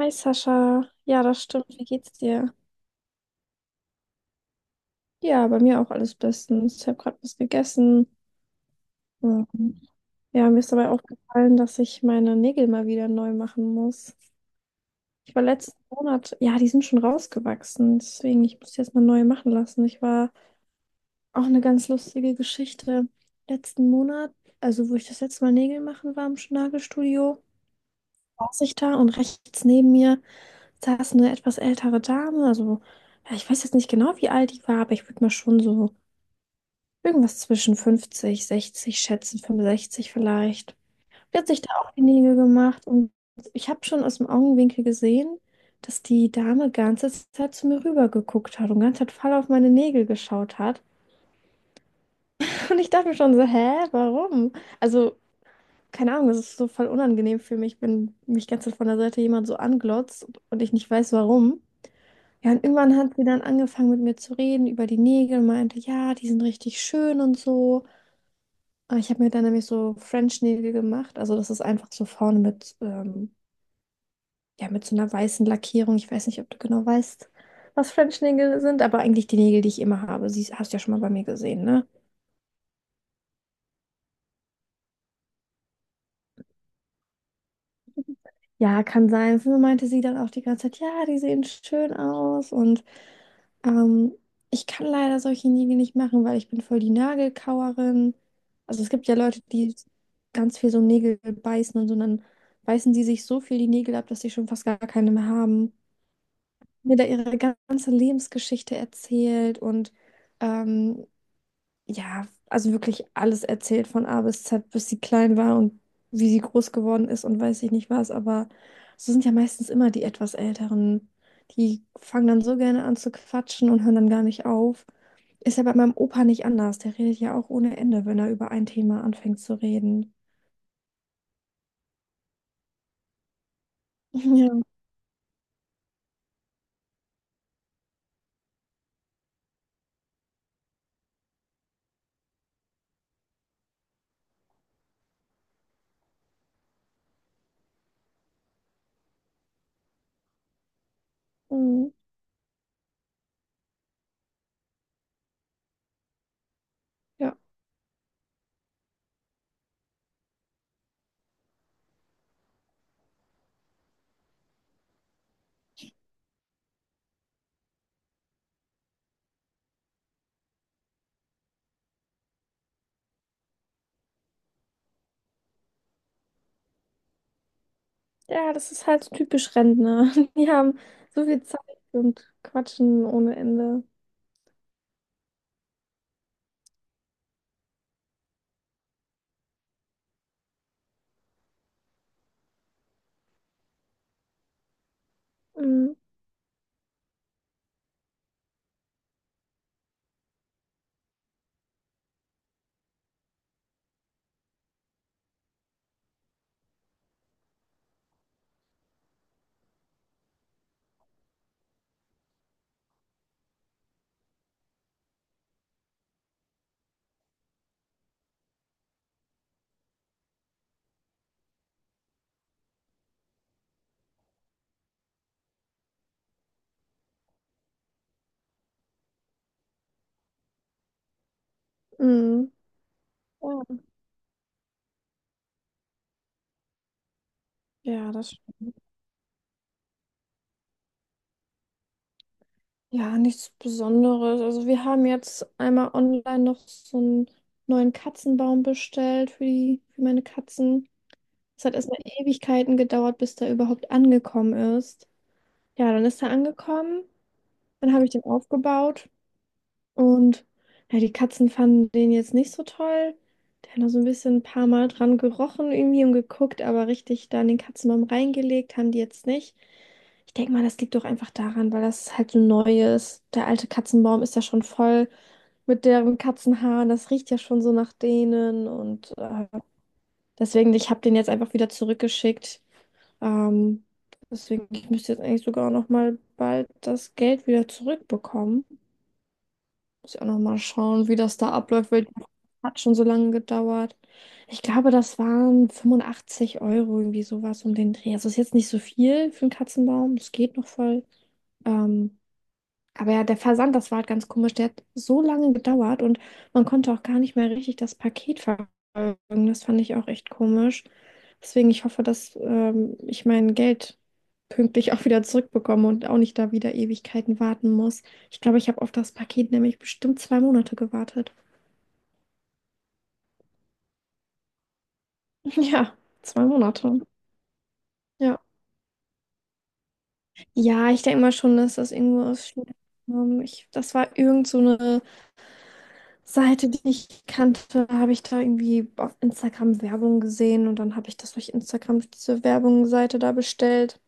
Hi Sascha, ja, das stimmt. Wie geht's dir? Ja, bei mir auch alles bestens. Ich habe gerade was gegessen. Ähm, Ja, mir ist dabei aufgefallen, dass ich meine Nägel mal wieder neu machen muss. Ich war letzten Monat, ja, die sind schon rausgewachsen, deswegen ich muss die jetzt mal neu machen lassen. Ich war auch eine ganz lustige Geschichte. Letzten Monat, also wo ich das letzte Mal Nägel machen war im Nagelstudio, saß ich da und rechts neben mir saß eine etwas ältere Dame, also ja, ich weiß jetzt nicht genau, wie alt die war, aber ich würde mal schon so irgendwas zwischen 50 60 schätzen, 65 vielleicht. Die hat sich da auch die Nägel gemacht und ich habe schon aus dem Augenwinkel gesehen, dass die Dame ganze Zeit zu mir rüber geguckt hat und ganze Zeit voll auf meine Nägel geschaut hat. Und ich dachte mir schon so, hä, warum? Also, keine Ahnung, das ist so voll unangenehm für mich, wenn mich ganze Zeit von der Seite jemand so anglotzt und ich nicht weiß, warum. Ja, und irgendwann hat sie dann angefangen mit mir zu reden über die Nägel und meinte, ja, die sind richtig schön und so. Ich habe mir dann nämlich so French-Nägel gemacht. Also das ist einfach so vorne mit, ja, mit so einer weißen Lackierung. Ich weiß nicht, ob du genau weißt, was French-Nägel sind, aber eigentlich die Nägel, die ich immer habe. Sie hast du ja schon mal bei mir gesehen, ne? Ja, kann sein. Früher meinte sie dann auch die ganze Zeit, ja, die sehen schön aus und ähm, ich kann leider solche Nägel nicht machen, weil ich bin voll die Nagelkauerin. Also es gibt ja Leute, die ganz viel so Nägel beißen und so, und dann beißen die sich so viel die Nägel ab, dass sie schon fast gar keine mehr haben. Mir da ihre ganze Lebensgeschichte erzählt und ähm, ja, also wirklich alles erzählt von A bis Z, bis sie klein war und wie sie groß geworden ist und weiß ich nicht was, aber so sind ja meistens immer die etwas Älteren. Die fangen dann so gerne an zu quatschen und hören dann gar nicht auf. Ist ja bei meinem Opa nicht anders. Der redet ja auch ohne Ende, wenn er über ein Thema anfängt zu reden. Ja, mhm. Ja. Ja, das ist halt so typisch Rentner. Die haben so viel Zeit und quatschen ohne Ende. Mhm. Mhm. Ja. Ja, das stimmt. Ja, nichts Besonderes. Also wir haben jetzt einmal online noch so einen neuen Katzenbaum bestellt für die, für meine Katzen. Es hat erstmal Ewigkeiten gedauert, bis der überhaupt angekommen ist. Ja, dann ist er angekommen, dann habe ich den aufgebaut und ja, die Katzen fanden den jetzt nicht so toll. Der hat noch so ein bisschen ein paar Mal dran gerochen irgendwie und geguckt, aber richtig da in den Katzenbaum reingelegt haben die jetzt nicht. Ich denke mal, das liegt doch einfach daran, weil das halt so neu ist. Der alte Katzenbaum ist ja schon voll mit deren Katzenhaaren. Das riecht ja schon so nach denen. Und deswegen, ich habe den jetzt einfach wieder zurückgeschickt. Ähm, deswegen, ich müsste jetzt eigentlich sogar auch noch mal bald das Geld wieder zurückbekommen. Muss ich auch noch mal schauen, wie das da abläuft, weil hat schon so lange gedauert. Ich glaube, das waren 85 Euro, irgendwie sowas um den Dreh. Also ist jetzt nicht so viel für einen Katzenbaum. Das geht noch voll. Ähm, aber ja, der Versand, das war halt ganz komisch. Der hat so lange gedauert und man konnte auch gar nicht mehr richtig das Paket verfolgen. Das fand ich auch echt komisch. Deswegen, ich hoffe, dass ich mein Geld pünktlich auch wieder zurückbekomme und auch nicht da wieder Ewigkeiten warten muss. Ich glaube, ich habe auf das Paket nämlich bestimmt 2 Monate gewartet. Ja, 2 Monate. Ja. Ja, ich denke mal schon, dass das irgendwo aus China kam. Ich, das war irgend so eine Seite, die ich kannte, habe ich da irgendwie auf Instagram Werbung gesehen und dann habe ich das durch Instagram diese Werbungsseite da bestellt.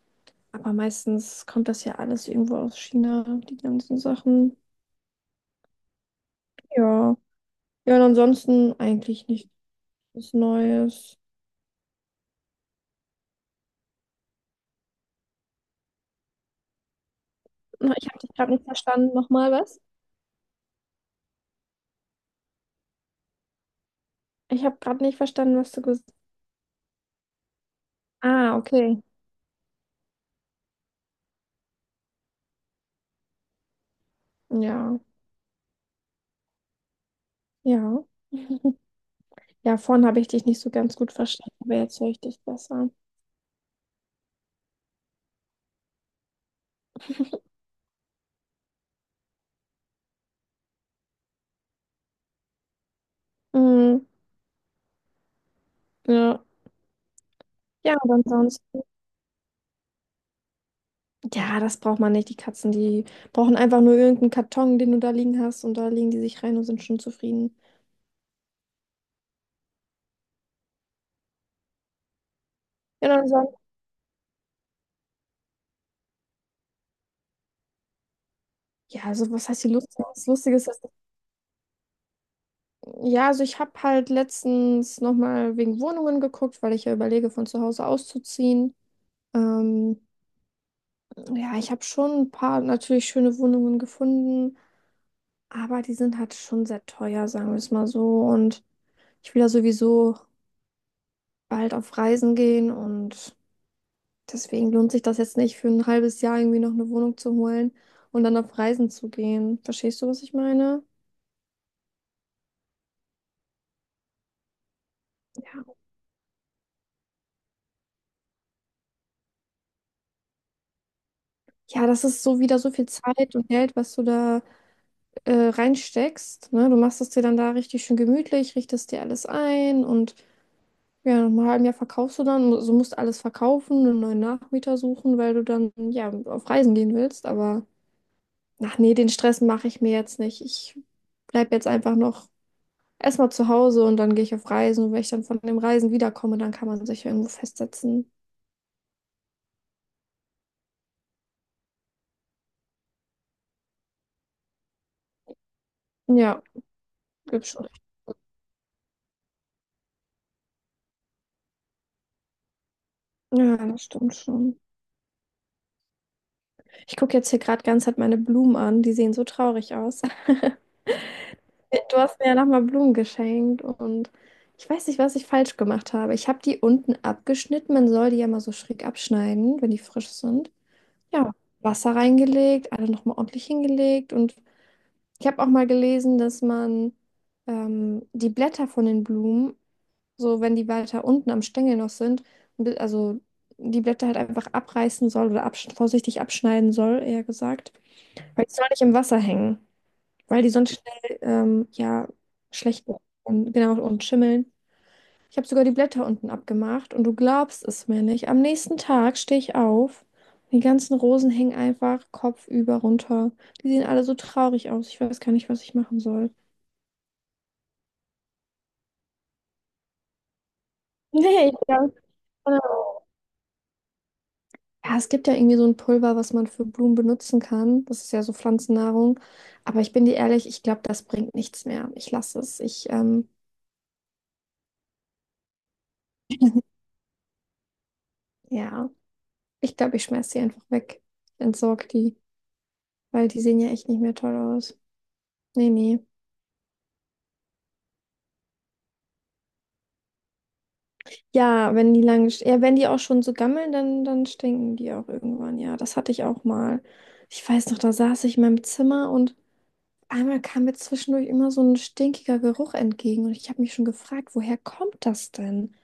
Aber meistens kommt das ja alles irgendwo aus China, die ganzen Sachen. Ja. Ja, und ansonsten eigentlich nichts Neues. Na, ich habe dich gerade nicht verstanden. Nochmal was? Ich habe gerade nicht verstanden, was du gesagt hast. Ah, okay. Ja, ja. Ja, vorhin habe ich dich nicht so ganz gut verstanden, aber jetzt höre ich dich besser. Mhm. Ja. Ja, und ansonsten. Ja, das braucht man nicht. Die Katzen, die brauchen einfach nur irgendeinen Karton, den du da liegen hast, und da legen die sich rein und sind schon zufrieden. Ja, dann sagen, ja, also was heißt hier lustig? Das Lustige ist, dass, ja, also ich habe halt letztens nochmal wegen Wohnungen geguckt, weil ich ja überlege, von zu Hause auszuziehen. Ähm, ja, ich habe schon ein paar natürlich schöne Wohnungen gefunden, aber die sind halt schon sehr teuer, sagen wir es mal so. Und ich will ja sowieso bald auf Reisen gehen und deswegen lohnt sich das jetzt nicht, für ein halbes Jahr irgendwie noch eine Wohnung zu holen und dann auf Reisen zu gehen. Verstehst du, was ich meine? Ja. Ja, das ist so wieder so viel Zeit und Geld, was du da reinsteckst. Ne? Du machst es dir dann da richtig schön gemütlich, richtest dir alles ein und ja, nach einem halben Jahr verkaufst du dann. So also musst alles verkaufen, einen neuen Nachmieter suchen, weil du dann ja auf Reisen gehen willst. Aber ach nee, den Stress mache ich mir jetzt nicht. Ich bleib jetzt einfach noch erstmal zu Hause und dann gehe ich auf Reisen. Und wenn ich dann von dem Reisen wiederkomme, dann kann man sich irgendwo festsetzen. Ja, gibt's schon. Ja, das stimmt schon. Ich gucke jetzt hier gerade ganz halt meine Blumen an. Die sehen so traurig aus. Du hast mir ja nochmal Blumen geschenkt und ich weiß nicht, was ich falsch gemacht habe. Ich habe die unten abgeschnitten. Man soll die ja mal so schräg abschneiden, wenn die frisch sind. Ja, Wasser reingelegt, alle nochmal ordentlich hingelegt und ich habe auch mal gelesen, dass man die Blätter von den Blumen, so wenn die weiter unten am Stängel noch sind, also die Blätter halt einfach abreißen soll oder absch vorsichtig abschneiden soll, eher gesagt. Weil die sollen nicht im Wasser hängen, weil die sonst schnell ja schlecht werden und genau und schimmeln. Ich habe sogar die Blätter unten abgemacht und du glaubst es mir nicht. Am nächsten Tag stehe ich auf. Die ganzen Rosen hängen einfach kopfüber runter. Die sehen alle so traurig aus. Ich weiß gar nicht, was ich machen soll. Nee, ich glaube. Genau. Ja, es gibt ja irgendwie so ein Pulver, was man für Blumen benutzen kann. Das ist ja so Pflanzennahrung. Aber ich bin dir ehrlich, ich glaube, das bringt nichts mehr. Ich lasse es. Ich, ja, ich glaube, ich schmeiß die einfach weg. Entsorge die, weil die sehen ja echt nicht mehr toll aus. Nee, nee. Ja, wenn die lange, ja, wenn die auch schon so gammeln, dann stinken die auch irgendwann. Ja, das hatte ich auch mal. Ich weiß noch, da saß ich in meinem Zimmer und einmal kam mir zwischendurch immer so ein stinkiger Geruch entgegen und ich habe mich schon gefragt, woher kommt das denn?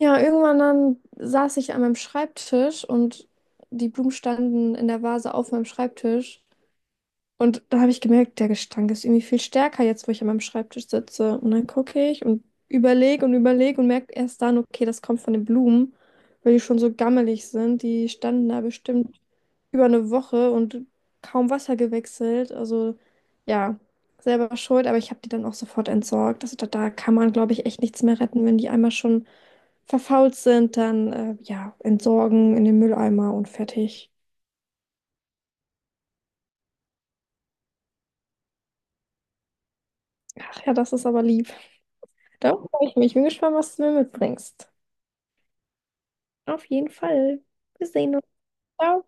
Ja, irgendwann dann saß ich an meinem Schreibtisch und die Blumen standen in der Vase auf meinem Schreibtisch und da habe ich gemerkt, der Gestank ist irgendwie viel stärker jetzt, wo ich an meinem Schreibtisch sitze. Und dann gucke ich und überlege und überlege und merke erst dann, okay, das kommt von den Blumen, weil die schon so gammelig sind. Die standen da bestimmt über eine Woche und kaum Wasser gewechselt. Also ja, selber schuld, aber ich habe die dann auch sofort entsorgt. Also da kann man, glaube ich, echt nichts mehr retten, wenn die einmal schon verfault sind, dann ja, entsorgen in den Mülleimer und fertig. Ach ja, das ist aber lieb. Darauf freue ich mich. Bin gespannt, was du mir mitbringst. Auf jeden Fall. Wir sehen uns. Ciao.